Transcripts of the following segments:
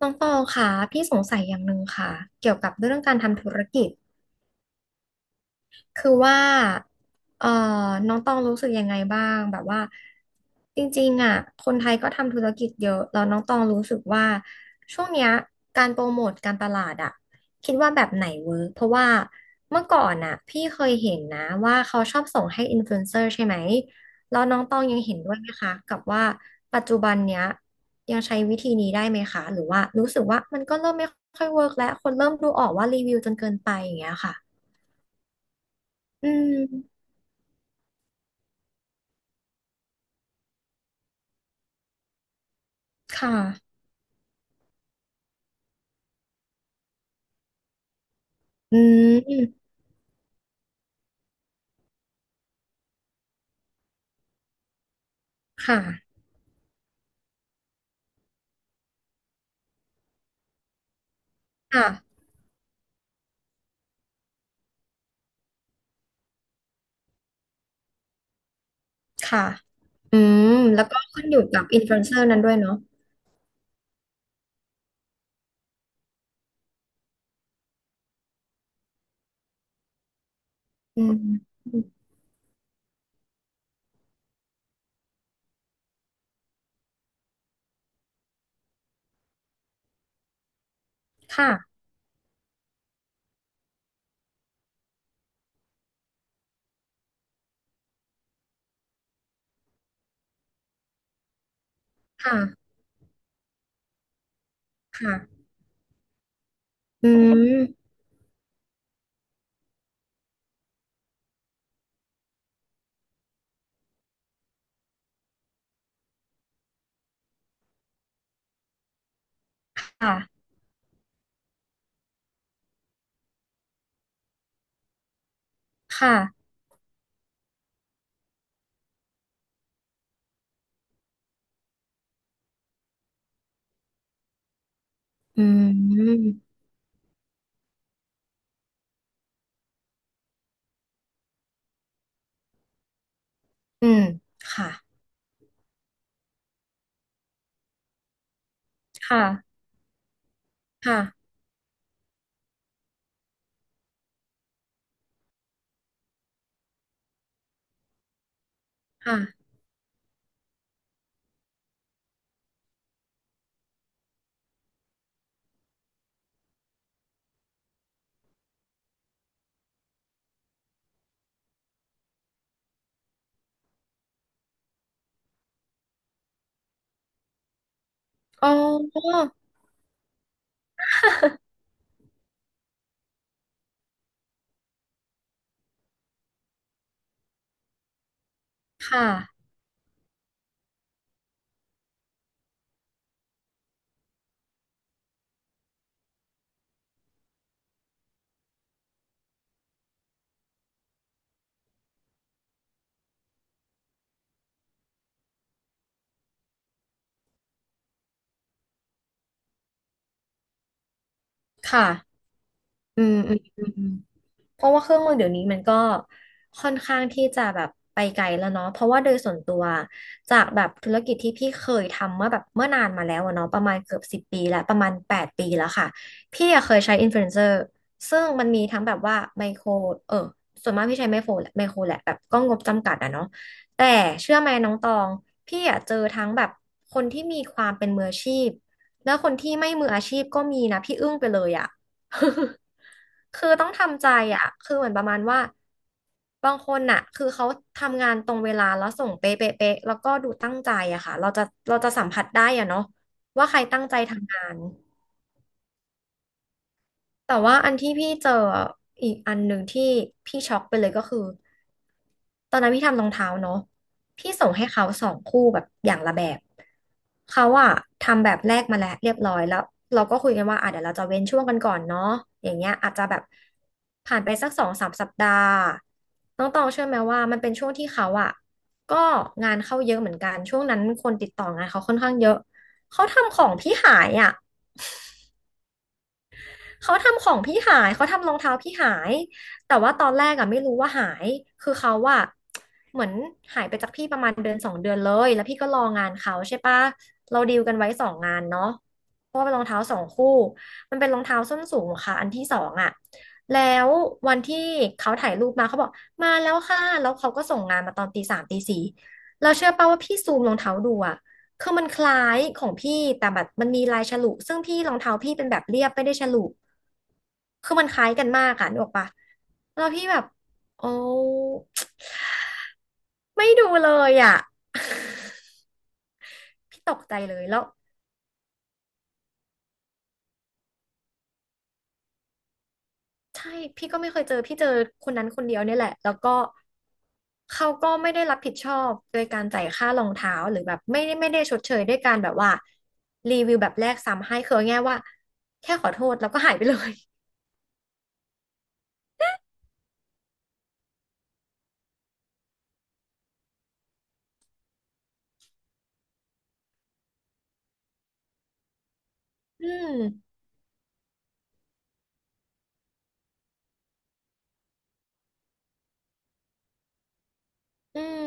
น้องตองค่ะ พี่สงสัยอย่างหนึ่งค่ะ เกี่ยวกับเรื่องการทำธุรกิจ คือว่าเอ่อน้องตองรู้สึกยังไงบ้างแบบว่าจริงๆอ่ะคนไทยก็ทำธุรกิจเยอะแล้วน้องตองรู้สึกว่า ช่วงเนี้ยการโปรโมทการตลาดอ่ะคิดว่าแบบไหนเวิร์กเพราะว่าเมื่อก่อนอ่ะพี่เคยเห็นนะว่าเขาชอบส่งให้อินฟลูเอนเซอร์ใช่ไหมแล้วน้องตองยังเห็นด้วยไหมคะกับว่าปัจจุบันเนี้ยยังใช้วิธีนี้ได้ไหมคะหรือว่ารู้สึกว่ามันก็เริ่มไม่ค่อยเวิร์กแล้วคนเริ่มดูออกว่ารีวิวจนเกินไปอย่างเงี้ยค่ะอืม ค่ะอืมค่ะ ค่ะ ค่ะ อืมแล้วก็ขึ้นอยู่กับอินฟลูเอนเซอร์นั้นด้วยเนาะอืมค่ะค่ะ ค่ะ อืม ค่ะ ค่ะ อืมอืมค่ะค่ะ ค่ะค่ะอ๋อ ค่ะ ค่ะ อืมอืมอืม เพราะว่าเครื่องมือเดี๋ยวนี้มันก็ค่อนข้างที่จะแบบไปไกลแล้วเนาะเพราะว่าโดยส่วนตัวจากแบบธุรกิจที่พี่เคยทำเมื่อนานมาแล้วอะเนาะประมาณเกือบ10 ปีแล้วประมาณ8 ปีแล้วค่ะพี่อะเคยใช้อินฟลูเอนเซอร์ซึ่งมันมีทั้งแบบว่าไมโครเออส่วนมากพี่ใช้ไมโครแหละไมโครแหละแบบก็งบจำกัดอะเนาะแต่เชื่อไหมน้องตองพี่อะเจอทั้งแบบคนที่มีความเป็นมืออาชีพแล้วคนที่ไม่มืออาชีพก็มีนะพี่อึ้งไปเลยอะ คือต้องทำใจอ่ะคือเหมือนประมาณว่าบางคนน่ะคือเขาทำงานตรงเวลาแล้วส่งเป๊ะเป๊ะเป๊ะแล้วก็ดูตั้งใจอะค่ะเราจะสัมผัสได้อะเนาะว่าใครตั้งใจทำงาน แต่ว่าอันที่พี่เจออีกอันหนึ่งที่พี่ช็อกไปเลยก็คือ ตอนนั้นพี่ทำรองเท้าเนาะพี่ส่งให้เขาสองคู่แบบอย่างละแบบเขาอะทำแบบแรกมาแล้วเรียบร้อยแล้วเราก็คุยกันว่าอ่ะเดี๋ยวเราจะเว้นช่วงกันก่อนเนาะอย่างเงี้ยอาจจะแบบผ่านไปสัก2-3 สัปดาห์น้องตองเชื่อไหมว่ามันเป็นช่วงที่เขาอะก็งานเข้าเยอะเหมือนกันช่วงนั้นคนติดต่องานเขาค่อนข้างเยอะเขาทำของพี่หายอะ เขาทำของพี่หาย เขาทำรองเท้าพี่หาย แต่ว่าตอนแรกอะไม่รู้ว่าหาย คือเขาอะเหมือนหายไปจากพี่ประมาณเดือนสองเดือนเลยแล้วพี่ก็รองานเขาใช่ปะเราดีลกันไว้2 งานเนาะเพราะว่าเป็นรองเท้าสองคู่มันเป็นรองเท้าส้นสูงค่ะอันที่สองอะแล้ววันที่เขาถ่ายรูปมาเขาบอกมาแล้วค่ะแล้วเขาก็ส่งงานมาตอนตีสามตีสี่เราเชื่อป่ะว่าพี่ซูมรองเท้าดูอะ คือมันคล้ายของพี่แต่แบบมันมีลายฉลุซึ่งพี่รองเท้าพี่เป็นแบบเรียบไม่ได้ฉลุคือมันคล้ายกันมากอ่ะนึกออกปะแล้วพี่แบบโอ้ไม่ดูเลยอ่ะ พี่ตกใจเลยแล้วใช่พี่ก็ไม่เคยเจอพี่เจอคนนั้นคนเดียวเนี่ยแหละแล้วก็เขาก็ไม่ได้รับผิดชอบโดยการจ่ายค่ารองเท้าหรือแบบไม่ได้ชดเชยด้วยการแบบว่ารีวิวแบบแรกซ้ำให้คือเอาง่ายๆว่าแค่ขอโทษแล้วก็หายไปเลย อืม อืม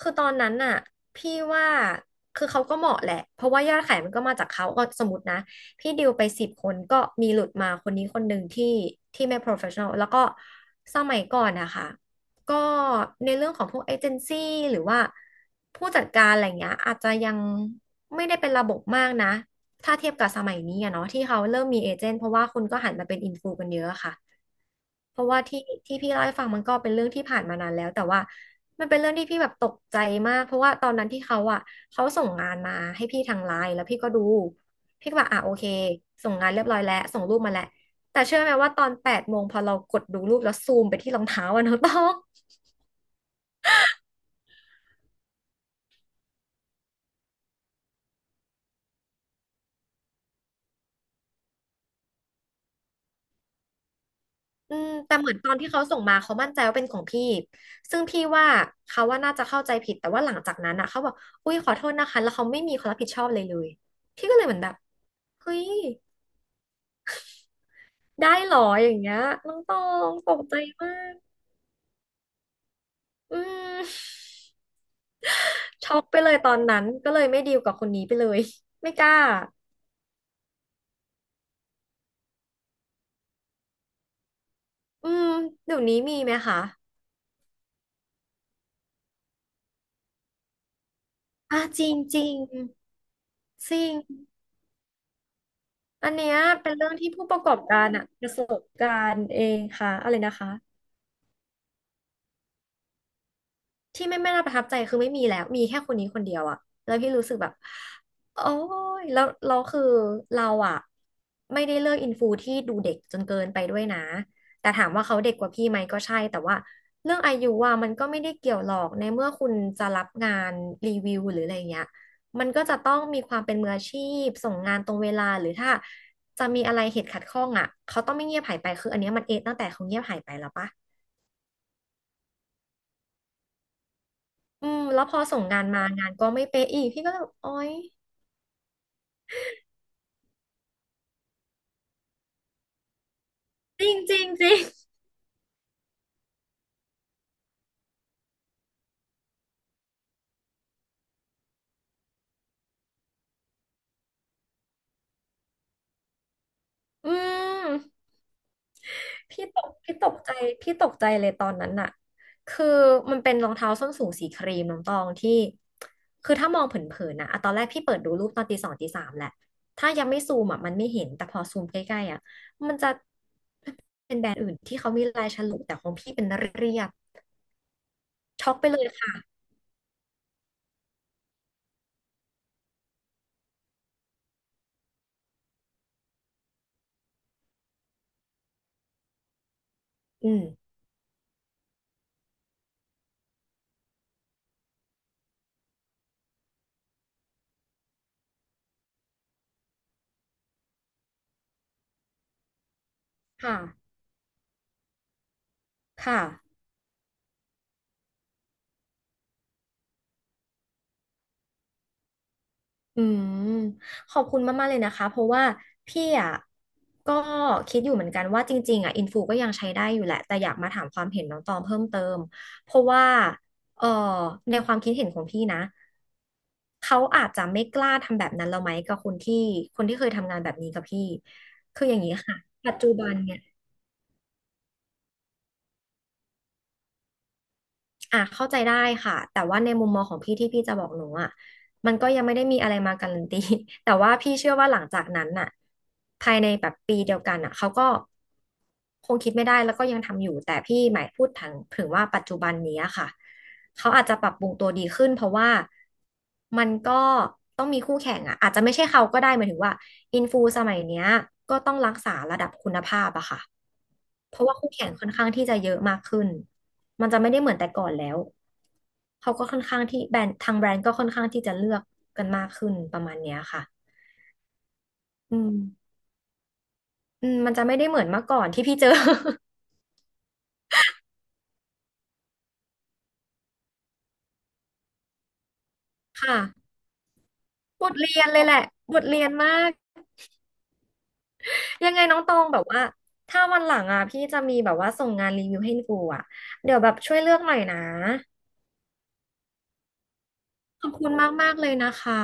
คือตอนนั้นน่ะพี่ว่าคือเขาก็เหมาะแหละเพราะว่ายอดขายมันก็มาจากเขาก็สมมตินะพี่ดิวไป10 คนก็มีหลุดมาคนนี้คนหนึ่งที่ที่ไม่ professional แล้วก็สมัยก่อนนะคะก็ในเรื่องของพวกเอเจนซี่หรือว่าผู้จัดการอะไรเงี้ยอาจจะยังไม่ได้เป็นระบบมากนะถ้าเทียบกับสมัยนี้อะเนาะที่เขาเริ่มมีเอเจนต์เพราะว่าคนก็หันมาเป็นอินฟูกันเยอะอะค่ะ เพราะว่าที่ที่พี่เล่าให้ฟังมันก็เป็นเรื่องที่ผ่านมานานแล้วแต่ว่ามันเป็นเรื่องที่พี่แบบตกใจมากเพราะว่าตอนนั้นที่เขาอ่ะเขาส่งงานมาให้พี่ทางไลน์แล้วพี่ก็ดูพี่ก็แบบอ่ะโอเคส่งงานเรียบร้อยแล้วส่งรูปมาแล้วแต่เชื่อไหมว่าตอน8 โมงพอเรากดดูรูปแล้วซูมไปที่รองเท้าอะน้องต้ องอืมแต่เหมือนตอนที่เขาส่งมาเขามั่นใจว่าเป็นของพี่ซึ่งพี่ว่าเขาว่าน่าจะเข้าใจผิดแต่ว่าหลังจากนั้นอ่ะเขาบอกอุ้ยขอโทษนะคะแล้วเขาไม่มีความรับผิดชอบเลยพี่ก็เลยเหมือนแบบเฮ้ย ได้หรออย่างเงี้ยน้องตองตกใจมากอืมช็อกไปเลยตอนนั้นก็เลยไม่ดีลกับคนนี้ไปเลยไม่กล้าอืมเดี๋ยวนี้มีไหมคะอ่ะจริงจริงจริงอันเนี้ยเป็นเรื่องที่ผู้ประกอบการอะประสบการณ์เองค่ะอะไรนะคะ ที่ไม่น่าประทับใจคือไม่มีแล้วมีแค่คนนี้คนเดียวอะแล้วพี่รู้สึกแบบโอ้ยแล้วเราคือเราอะไม่ได้เลือกอินฟูที่ดูเด็กจนเกินไปด้วยนะแต่ถามว่าเขาเด็กกว่าพี่ไหมก็ใช่แต่ว่าเรื่องอายุอะมันก็ไม่ได้เกี่ยวหรอกในเมื่อคุณจะรับงานรีวิวหรืออะไรเงี้ยมันก็จะต้องมีความเป็นมืออาชีพส่งงานตรงเวลาหรือถ้าจะมีอะไรเหตุขัดข้องอะเขาต้องไม่เงียบหายไปคืออันเนี้ยมันเอะตั้งแต่เขาเงียบหายไปแล้วปะ อืมแล้วพอส่งงานมางานก็ไม่เป๊ะอีกพี่ก็เลยแบบโอ๊ยจริงจริงจริงอืมพี่ตกใจพี่ตกใจเลยตอนนั้นน่ะคือมันเป็นรองเท้าส้นสูงสีครีมน้องตองที่คือถ้ามองเผินๆนะอะตอนแรกพี่เปิดดูรูปตอนตีสองตีสามแหละถ้ายังไม่ซูมอ่ะมันไม่เห็นแต่พอซูมใกล้ๆอ่ะมันจะเป็นแบรนด์อื่นที่เขามีลายฉลุแต่ของพี่เป็นเรียบช็อกไปเลยค่ะอืมค่ะค่ะ อืมขอบคุณมากๆเลยนะคะเพราะว่าพี่อ่ะก็คิดอยู่เหมือนกันว่าจริงๆอ่ะอินฟูก็ยังใช้ได้อยู่แหละแต่อยากมาถามความเห็นน้องตองเพิ่มเติมเพราะว่าเอ่อในความคิดเห็นของพี่นะเขาอาจจะไม่กล้าทำแบบนั้นแล้วไหมกับคนที่เคยทำงานแบบนี้กับพี่คืออย่างนี้ค่ะปัจจุบันเนี่ย อ่ะเข้าใจได้ค่ะแต่ว่าในมุมมองของพี่ที่พี่จะบอกหนูอ่ะมันก็ยังไม่ได้มีอะไรมาการันตี แต่ว่าพี่เชื่อว่าหลังจากนั้นน่ะภายในแบบปีเดียวกันน่ะเขาก็ คงคิดไม่ได้แล้วก็ยังทำอยู่แต่พี่หมายพูดถึงว่าปัจจุบันนี้อะค่ะเขาอาจจะปรับปรุงตัวดีขึ้นเพราะว่ามันก็ต้องมีคู่แข่งอะอาจจะไม่ใช่เขาก็ได้หมายถึงว่าอินฟูสมัยเนี้ยก็ต้องรักษาระดับคุณภาพอะค่ะเพราะว่าคู่แข่งค่อนข้างที่จะเยอะมากขึ้นมันจะไม่ได้เหมือนแต่ก่อนแล้วเขาก็ค่อนข้างที่แบรนด์ทางแบรนด์ก็ค่อนข้างที่จะเลือกกันมากขึ้นประมาณเนี้ยค่ะอืมอืมมันจะไม่ได้เหมือนเมื่อก่อนที่พี่เจอ ค่ะ บทเรียนเลยแหละบทเรียนมาก ยังไงน้องตองแบบว่า ถ้าวันหลังอ่ะพี่จะมีแบบว่าส่งงานรีวิวให้กูอ่ะ เดี๋ยวแบบช่วยเลือกหน่อยนะ ขอบคุณมากๆเลยนะคะ